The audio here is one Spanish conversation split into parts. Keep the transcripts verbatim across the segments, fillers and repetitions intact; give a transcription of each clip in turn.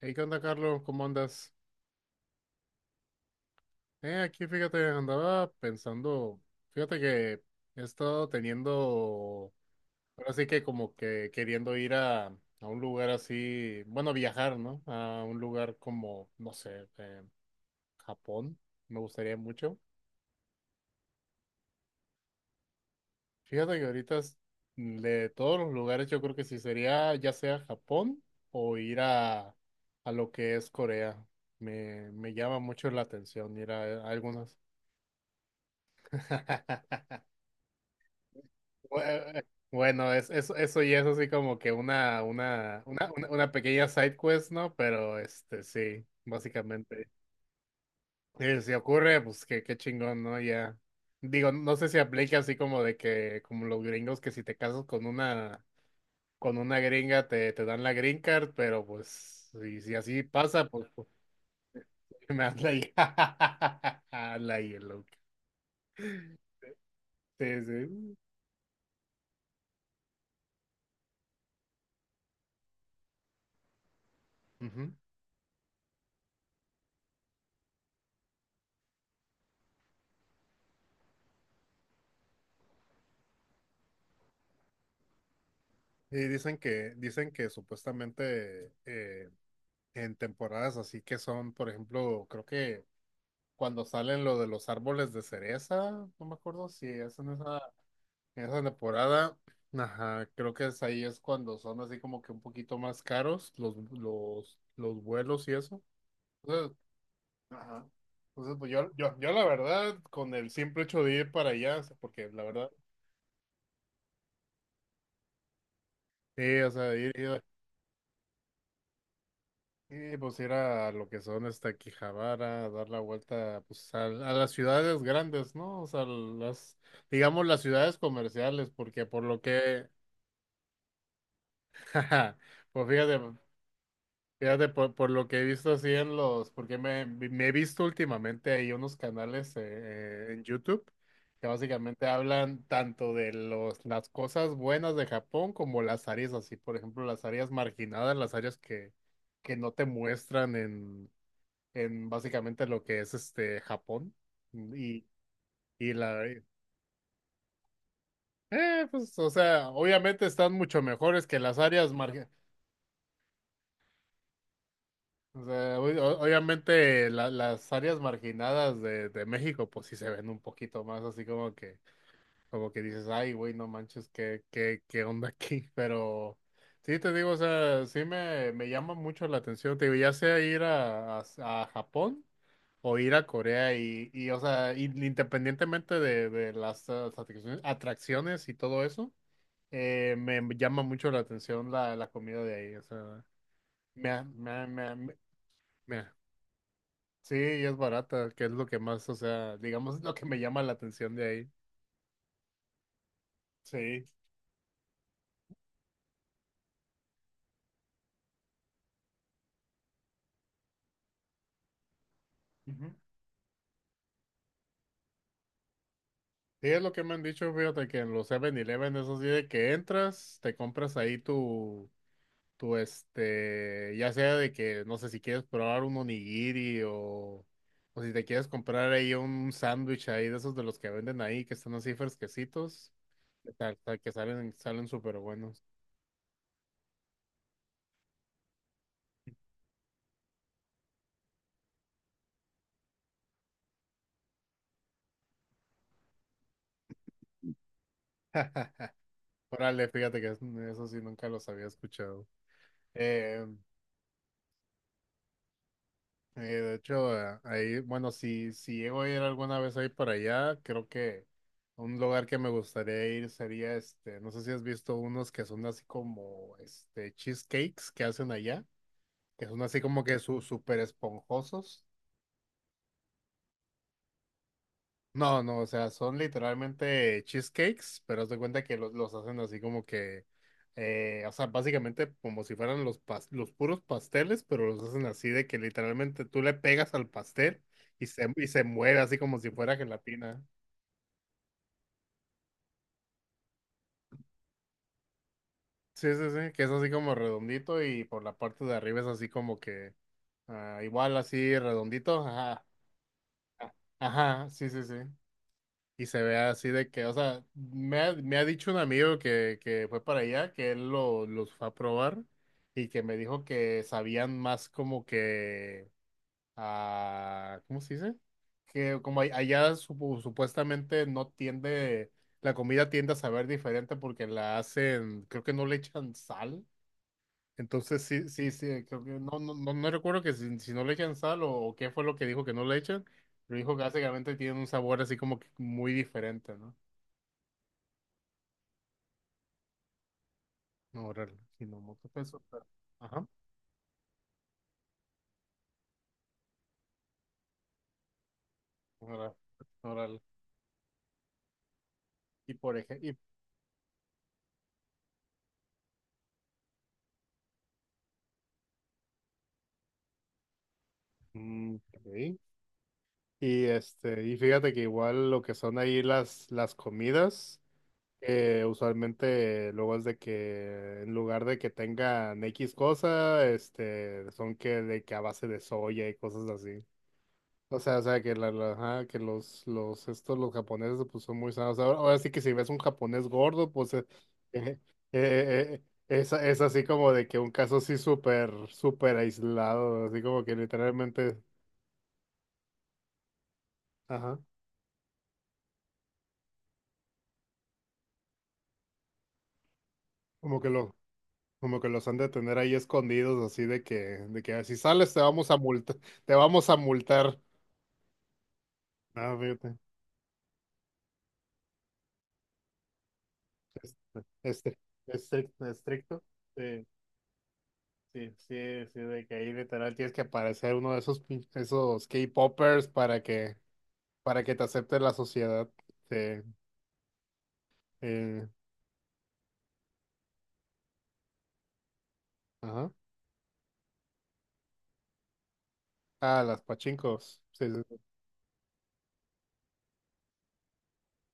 Hey, ¿qué onda, Carlos? ¿Cómo andas? Eh, aquí fíjate, andaba pensando, fíjate que he estado teniendo, ahora sí que como que queriendo ir a, a un lugar así, bueno, viajar, ¿no? A un lugar como, no sé, eh, Japón, me gustaría mucho. Fíjate que ahorita es- de todos los lugares yo creo que sí sería ya sea Japón o ir a, a lo que es Corea. Me, me llama mucho la atención ir a a algunos. Bue- eh, Bueno, es, eso eso ya es así como que una, una, una, una, una pequeña side quest, ¿no? Pero este, sí, básicamente. Eh, si ocurre, pues qué, qué chingón, ¿no? Ya. Digo, no sé si aplica así como de que, como los gringos, que si te casas con una, con una gringa te, te dan la green card, pero pues, si, si así pasa, pues, pues, me das la hi- la yellow. Sí, sí. Ujú. Y dicen que, dicen que supuestamente eh, en temporadas así que son, por ejemplo, creo que cuando salen lo de los árboles de cereza, no me acuerdo si es en esa, en esa temporada, ajá, creo que es ahí es cuando son así como que un poquito más caros los, los, los vuelos y eso. Entonces, ajá. Entonces, pues yo, yo, yo la verdad, con el simple hecho de ir para allá, o sea, porque la verdad, sí, o sea, ir, ir y pues ir a lo que son hasta Quijabara, dar la vuelta pues a, a las ciudades grandes, ¿no? O sea, las, digamos las ciudades comerciales, porque por lo que, jaja, pues fíjate, fíjate por, por lo que he visto así en los, porque me, me he visto últimamente ahí unos canales eh, eh, en YouTube que básicamente hablan tanto de los, las cosas buenas de Japón como las áreas así, por ejemplo, las áreas marginadas, las áreas que, que no te muestran en básicamente lo que es este Japón mm, y, y la eh, eh, pues o sea obviamente están mucho mejores que las áreas marginadas. O sea, ob- o- obviamente la- las áreas marginadas de, de México pues sí se ven un poquito más así como que como que dices, ay, güey, no manches, ¿qué, qué, qué onda aquí? Pero sí, te digo, o sea, sí me, me llama mucho la atención, te digo, ya sea ir a, a, a Japón o ir a Corea y, y o sea, y- independientemente de, de las ah, atracciones atracciones y todo eso, eh, me llama mucho la atención la, la comida de ahí, o sea, me, ha- me, ha- me, ha- me- me ha- sí, y es barata, que es lo que más, o sea, digamos, es lo que me llama la atención de ahí. Sí. Sí, es lo que me han dicho, fíjate que en los Seven eleven eso sí, de que entras, te compras ahí tu, tu este, ya sea de que, no sé si quieres probar un onigiri o, o si te quieres comprar ahí un sándwich ahí de esos de los que venden ahí, que están así fresquecitos, que, sal- sal- que salen, salen súper buenos. Órale, fíjate que es- eso sí, nunca los había escuchado. Em, Eh, de hecho, eh, ahí, bueno, si, si llego a ir alguna vez ahí para allá, creo que un lugar que me gustaría ir sería este, no sé si has visto unos que son así como este cheesecakes que hacen allá, que son así como que su, súper esponjosos. No, no, o sea, son literalmente cheesecakes, pero haz de cuenta que los, los hacen así como que, eh, o sea, básicamente como si fueran los, pas- los puros pasteles, pero los hacen así de que literalmente tú le pegas al pastel y se, y se mueve así como si fuera gelatina. Sí, sí, sí, que es así como redondito y por la parte de arriba es así como que, ah, igual así redondito, ajá, ah, ajá, sí, sí, sí. Y se ve así de que, o sea, me ha, me ha dicho un amigo que, que fue para allá, que él lo, los fue a probar y que me dijo que sabían más como que, ah, ¿cómo se dice? Que como a- allá supu- supuestamente no tiende, la comida tiende a saber diferente porque la hacen, creo que no le echan sal. Entonces sí, sí, sí, creo que no, no, no, no recuerdo que si, si no le echan sal o, o qué fue lo que dijo que no le echan, pero dijo que básicamente tienen un sabor así como que muy diferente, ¿no? No, órale, si no mucho peso, pero. Ajá, órale, órale. Y por ejemplo, y, mm, ok. Y, este, y fíjate que igual lo que son ahí las, las comidas, eh, usualmente luego es de que en lugar de que tengan X cosa, este, son que de que a base de soya y cosas así. O sea, o sea, que, la, la- ajá, que los, los, estos, los japoneses, pues son muy sanos. Ahora, ahora sí que si ves un japonés gordo, pues eh, eh, eh, eh, es, es así como de que un caso así súper, súper aislado, así como que literalmente, ajá, como que lo, como que los han de tener ahí escondidos, así de que, de que "Ah, si sales te vamos a multar, te vamos a multar. Ah, fíjate, este, este, este, estricto, estricto. Sí. Sí, sí, sí, de que ahí literal tienes que aparecer uno de esos, pin- esos K-popers para que, para que te acepte la sociedad. Sí, eh, ajá. Ah, las pachincos. Sí, sí, sí.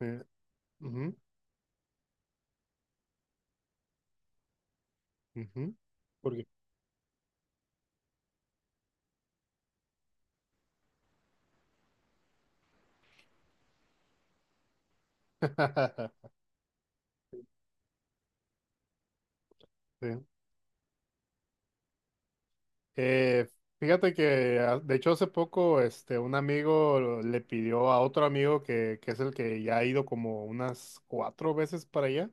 Eh, ujú, ujú. ¿Por qué? Sí. Eh, fíjate que, ah, de hecho, hace poco, este, un amigo le pidió a otro amigo que, que es el que ya ha ido como unas cuatro veces para allá.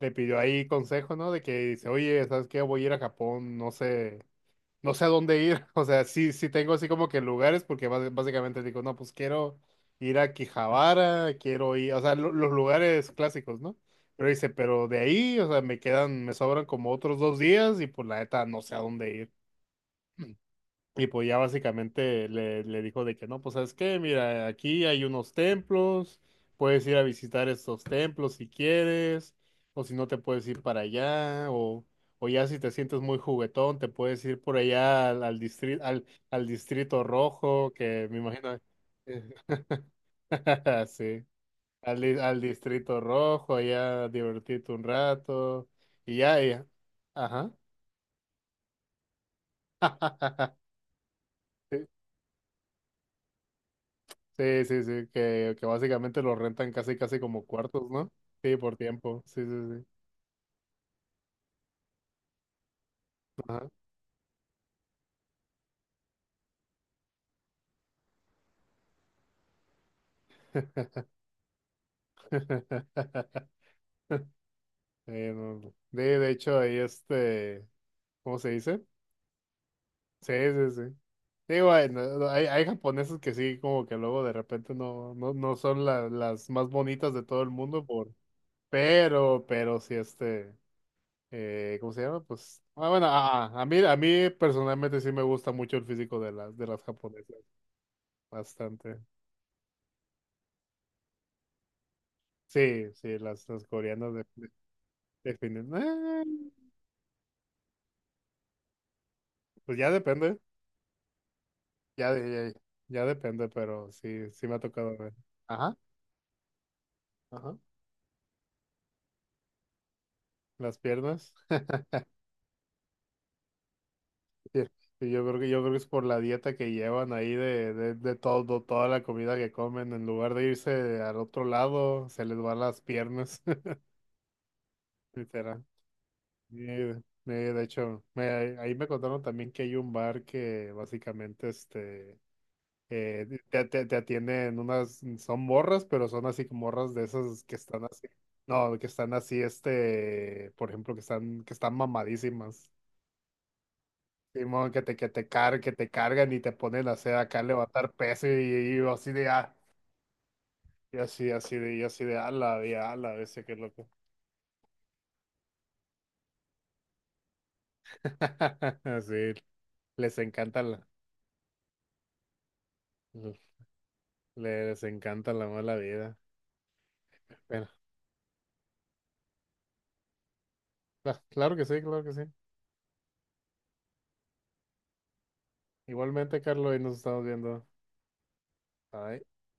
Le pidió ahí consejo, ¿no? De que dice, oye, ¿sabes qué? Voy a ir a Japón, no sé. No sé a dónde ir. O sea, sí, sí tengo así como que lugares, porque bas- básicamente digo, no, pues quiero ir a Quijabara, quiero ir, o sea, lo- los lugares clásicos, ¿no? Pero dice, pero de ahí, o sea, me quedan, me sobran como otros dos días y pues la neta no sé a dónde ir. Y pues ya básicamente le, le dijo de que no, pues sabes qué, mira, aquí hay unos templos, puedes ir a visitar estos templos si quieres, o si no te puedes ir para allá, o, o ya si te sientes muy juguetón, te puedes ir por allá al, al distrito, al, al distrito rojo, que me imagino, sí, al, di- al distrito rojo, allá divertirte un rato, y ya, ya, ajá. Sí, sí, sí, que, que básicamente lo rentan casi, casi como cuartos, ¿no? Sí, por tiempo, sí, sí, sí. Ajá. Eh, no, no. De, de hecho, ahí este, ¿cómo se dice? Sí, sí, sí. Digo, hay, no- no, hay, hay japoneses que sí, como que luego de repente no, no, no son la- las más bonitas de todo el mundo, por, pero, pero sí, este, eh, ¿cómo se llama? Pues, ah, bueno, a, a a mí, a mí personalmente sí me gusta mucho el físico de las, de las japonesas, bastante. Sí, sí, las, las coreanas de- de- definen. "Ah", pues ya depende, ya, de- ya, ya depende, pero sí, sí me ha tocado ver. Ajá, ajá. Las piernas. Sí, sí, yo creo que, yo creo que es por la dieta que llevan ahí de, de, de todo, toda la comida que comen. En lugar de irse al otro lado, se les van las piernas, literal. Y, eh, de hecho, me- ahí me contaron también que hay un bar que básicamente este eh, te, te- te atienden unas, son morras, pero son así como morras de esas que están así, no, que están así, este, por ejemplo, que están, que están mamadísimas. Simón, que te, que te car- que te cargan y te ponen a hacer acá levantar peso y, y yo así de ah, y así, así de, y así de ala, de ala, ese qué loco. Sí, les encanta la, les encanta la mala vida. Bueno, cla- claro que sí, claro que sí. Igualmente, Carlos, y nos estamos viendo. Bye.